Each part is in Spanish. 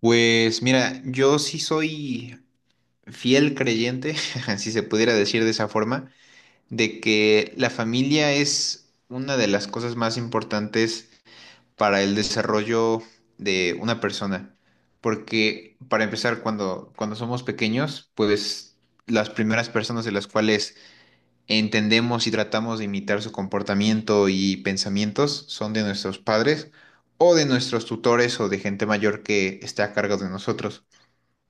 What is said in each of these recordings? Pues mira, yo sí soy fiel creyente, si se pudiera decir de esa forma, de que la familia es una de las cosas más importantes para el desarrollo de una persona. Porque para empezar, cuando somos pequeños, pues las primeras personas de las cuales entendemos y tratamos de imitar su comportamiento y pensamientos son de nuestros padres o de nuestros tutores o de gente mayor que está a cargo de nosotros.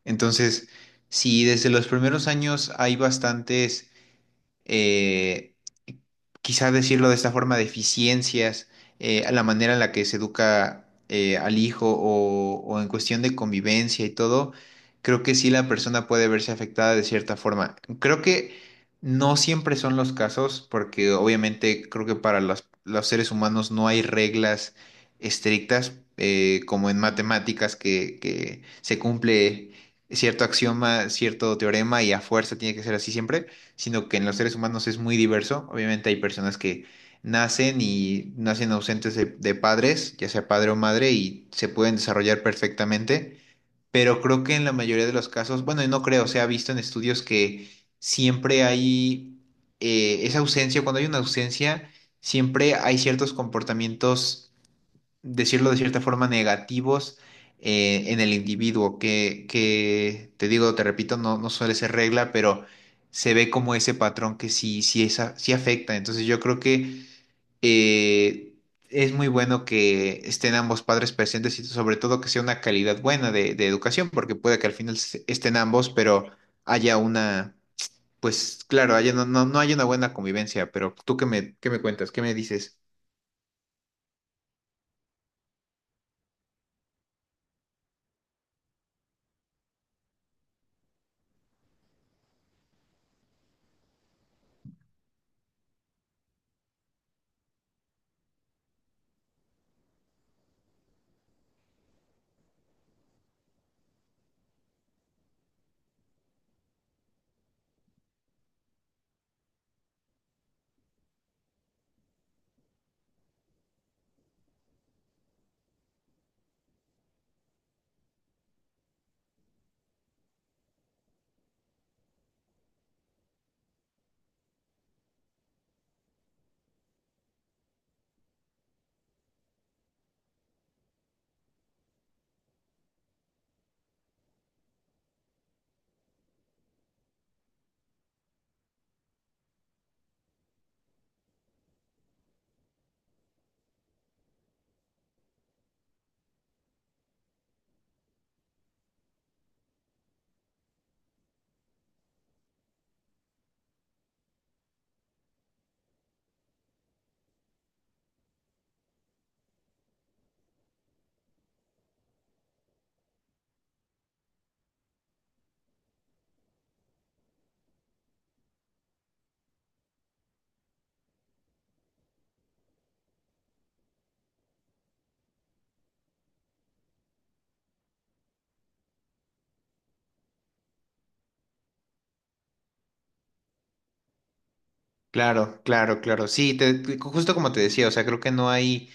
Entonces, si desde los primeros años hay bastantes eh, quizá decirlo de esta forma, deficiencias, a la manera en la que se educa al hijo o en cuestión de convivencia y todo, creo que sí la persona puede verse afectada de cierta forma. Creo que no siempre son los casos, porque obviamente creo que para los seres humanos no hay reglas estrictas, como en matemáticas que se cumple cierto axioma, cierto teorema y a fuerza tiene que ser así siempre, sino que en los seres humanos es muy diverso. Obviamente hay personas que nacen y nacen ausentes de padres, ya sea padre o madre, y se pueden desarrollar perfectamente, pero creo que en la mayoría de los casos, bueno, y no creo, se ha visto en estudios que siempre hay esa ausencia, cuando hay una ausencia, siempre hay ciertos comportamientos, decirlo de cierta forma, negativos en el individuo, que te digo, te repito, no, no suele ser regla, pero se ve como ese patrón que sí, sí, sí afecta. Entonces yo creo que eh, es muy bueno que estén ambos padres presentes y sobre todo que sea una calidad buena de educación, porque puede que al final estén ambos, pero haya una... Pues claro, haya, no, no, no haya una buena convivencia, pero tú qué me cuentas, qué me dices. Claro, claro, claro. Sí, justo como te decía, o sea, creo que no hay,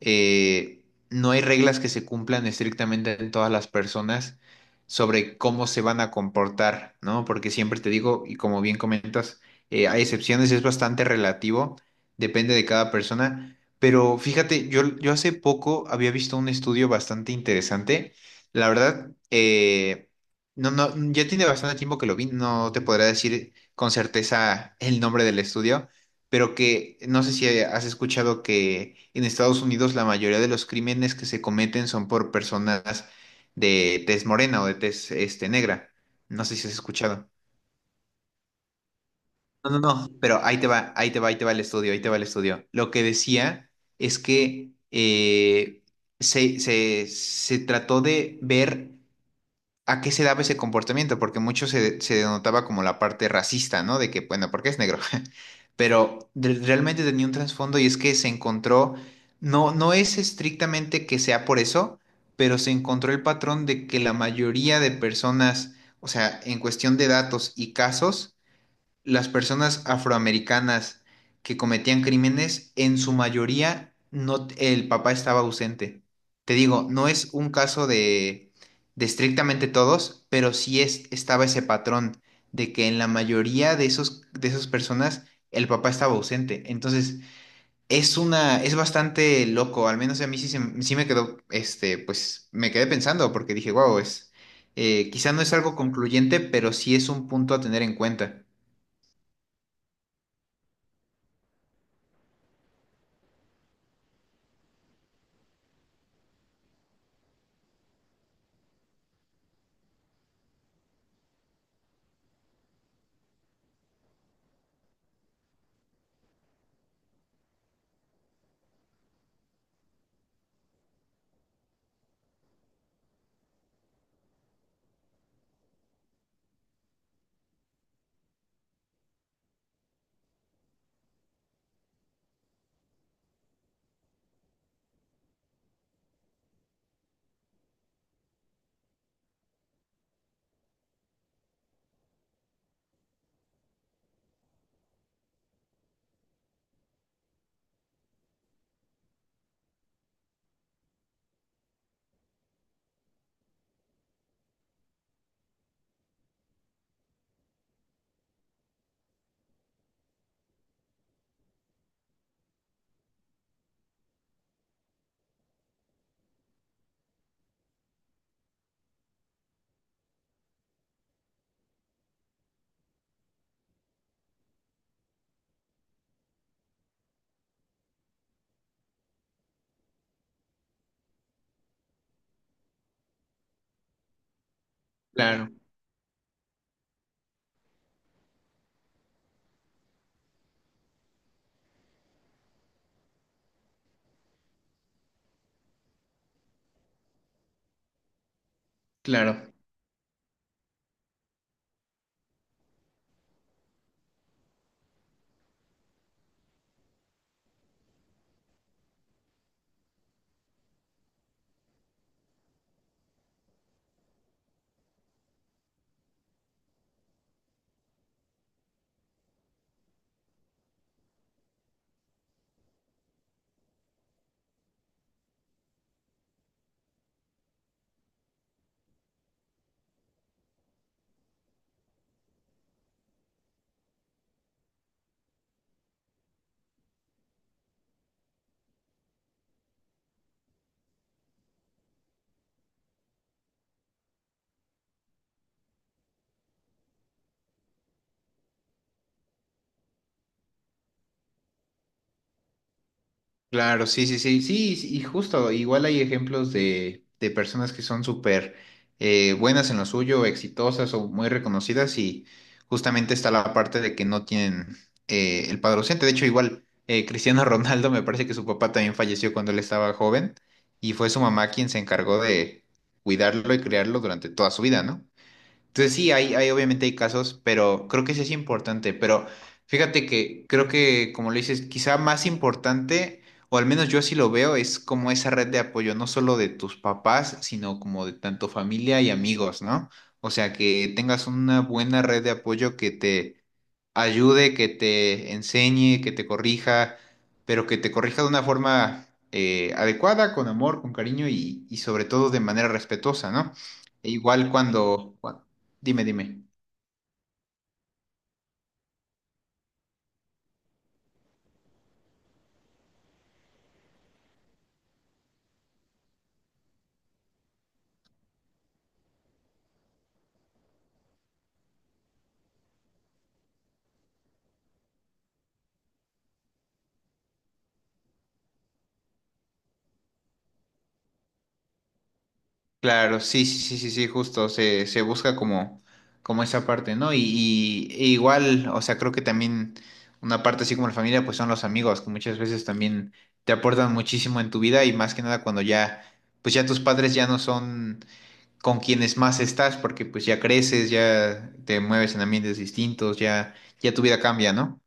eh, no hay reglas que se cumplan estrictamente en todas las personas sobre cómo se van a comportar, ¿no? Porque siempre te digo, y como bien comentas, hay excepciones, es bastante relativo, depende de cada persona. Pero fíjate, yo hace poco había visto un estudio bastante interesante. La verdad, no, no, ya tiene bastante tiempo que lo vi, no te podrá decir con certeza el nombre del estudio, pero que no sé si has escuchado que en Estados Unidos la mayoría de los crímenes que se cometen son por personas de tez morena o de tez este, negra. No sé si has escuchado. No, no, no, pero ahí te va, ahí te va, ahí te va el estudio, ahí te va el estudio. Lo que decía es que se trató de ver a qué se daba ese comportamiento, porque mucho se denotaba como la parte racista, ¿no? De que, bueno, ¿porque es negro? Pero realmente tenía un trasfondo y es que se encontró, no, no es estrictamente que sea por eso, pero se encontró el patrón de que la mayoría de personas, o sea, en cuestión de datos y casos, las personas afroamericanas que cometían crímenes, en su mayoría no, el papá estaba ausente. Te digo, no es un caso de estrictamente todos, pero sí es, estaba ese patrón de que en la mayoría de esos, de esas personas el papá estaba ausente. Entonces, es una, es bastante loco, al menos a mí sí, sí me quedó, este, pues me quedé pensando porque dije, wow, es, quizá no es algo concluyente, pero sí es un punto a tener en cuenta. Claro. Claro, claro, sí, sí, sí, sí, sí, y justo, igual hay ejemplos de personas que son súper buenas en lo suyo, exitosas o muy reconocidas y justamente está la parte de que no tienen el padre ausente. De hecho, igual Cristiano Ronaldo me parece que su papá también falleció cuando él estaba joven y fue su mamá quien se encargó de cuidarlo y criarlo durante toda su vida, ¿no? Entonces sí, hay obviamente hay casos, pero creo que sí es importante. Pero fíjate que creo que, como lo dices, quizá más importante, o al menos yo así lo veo, es como esa red de apoyo, no solo de tus papás, sino como de tanto familia y amigos, ¿no? O sea, que tengas una buena red de apoyo que te ayude, que te enseñe, que te corrija, pero que te corrija de una forma adecuada, con amor, con cariño y sobre todo de manera respetuosa, ¿no? E igual cuando, dime, dime. Claro, sí, sí, sí, sí, sí, justo, se busca como, como esa parte, ¿no? E igual, o sea, creo que también una parte así como la familia, pues son los amigos, que muchas veces también te aportan muchísimo en tu vida y más que nada cuando ya, pues ya tus padres ya no son con quienes más estás, porque pues ya creces, ya te mueves en ambientes distintos, ya, ya tu vida cambia, ¿no?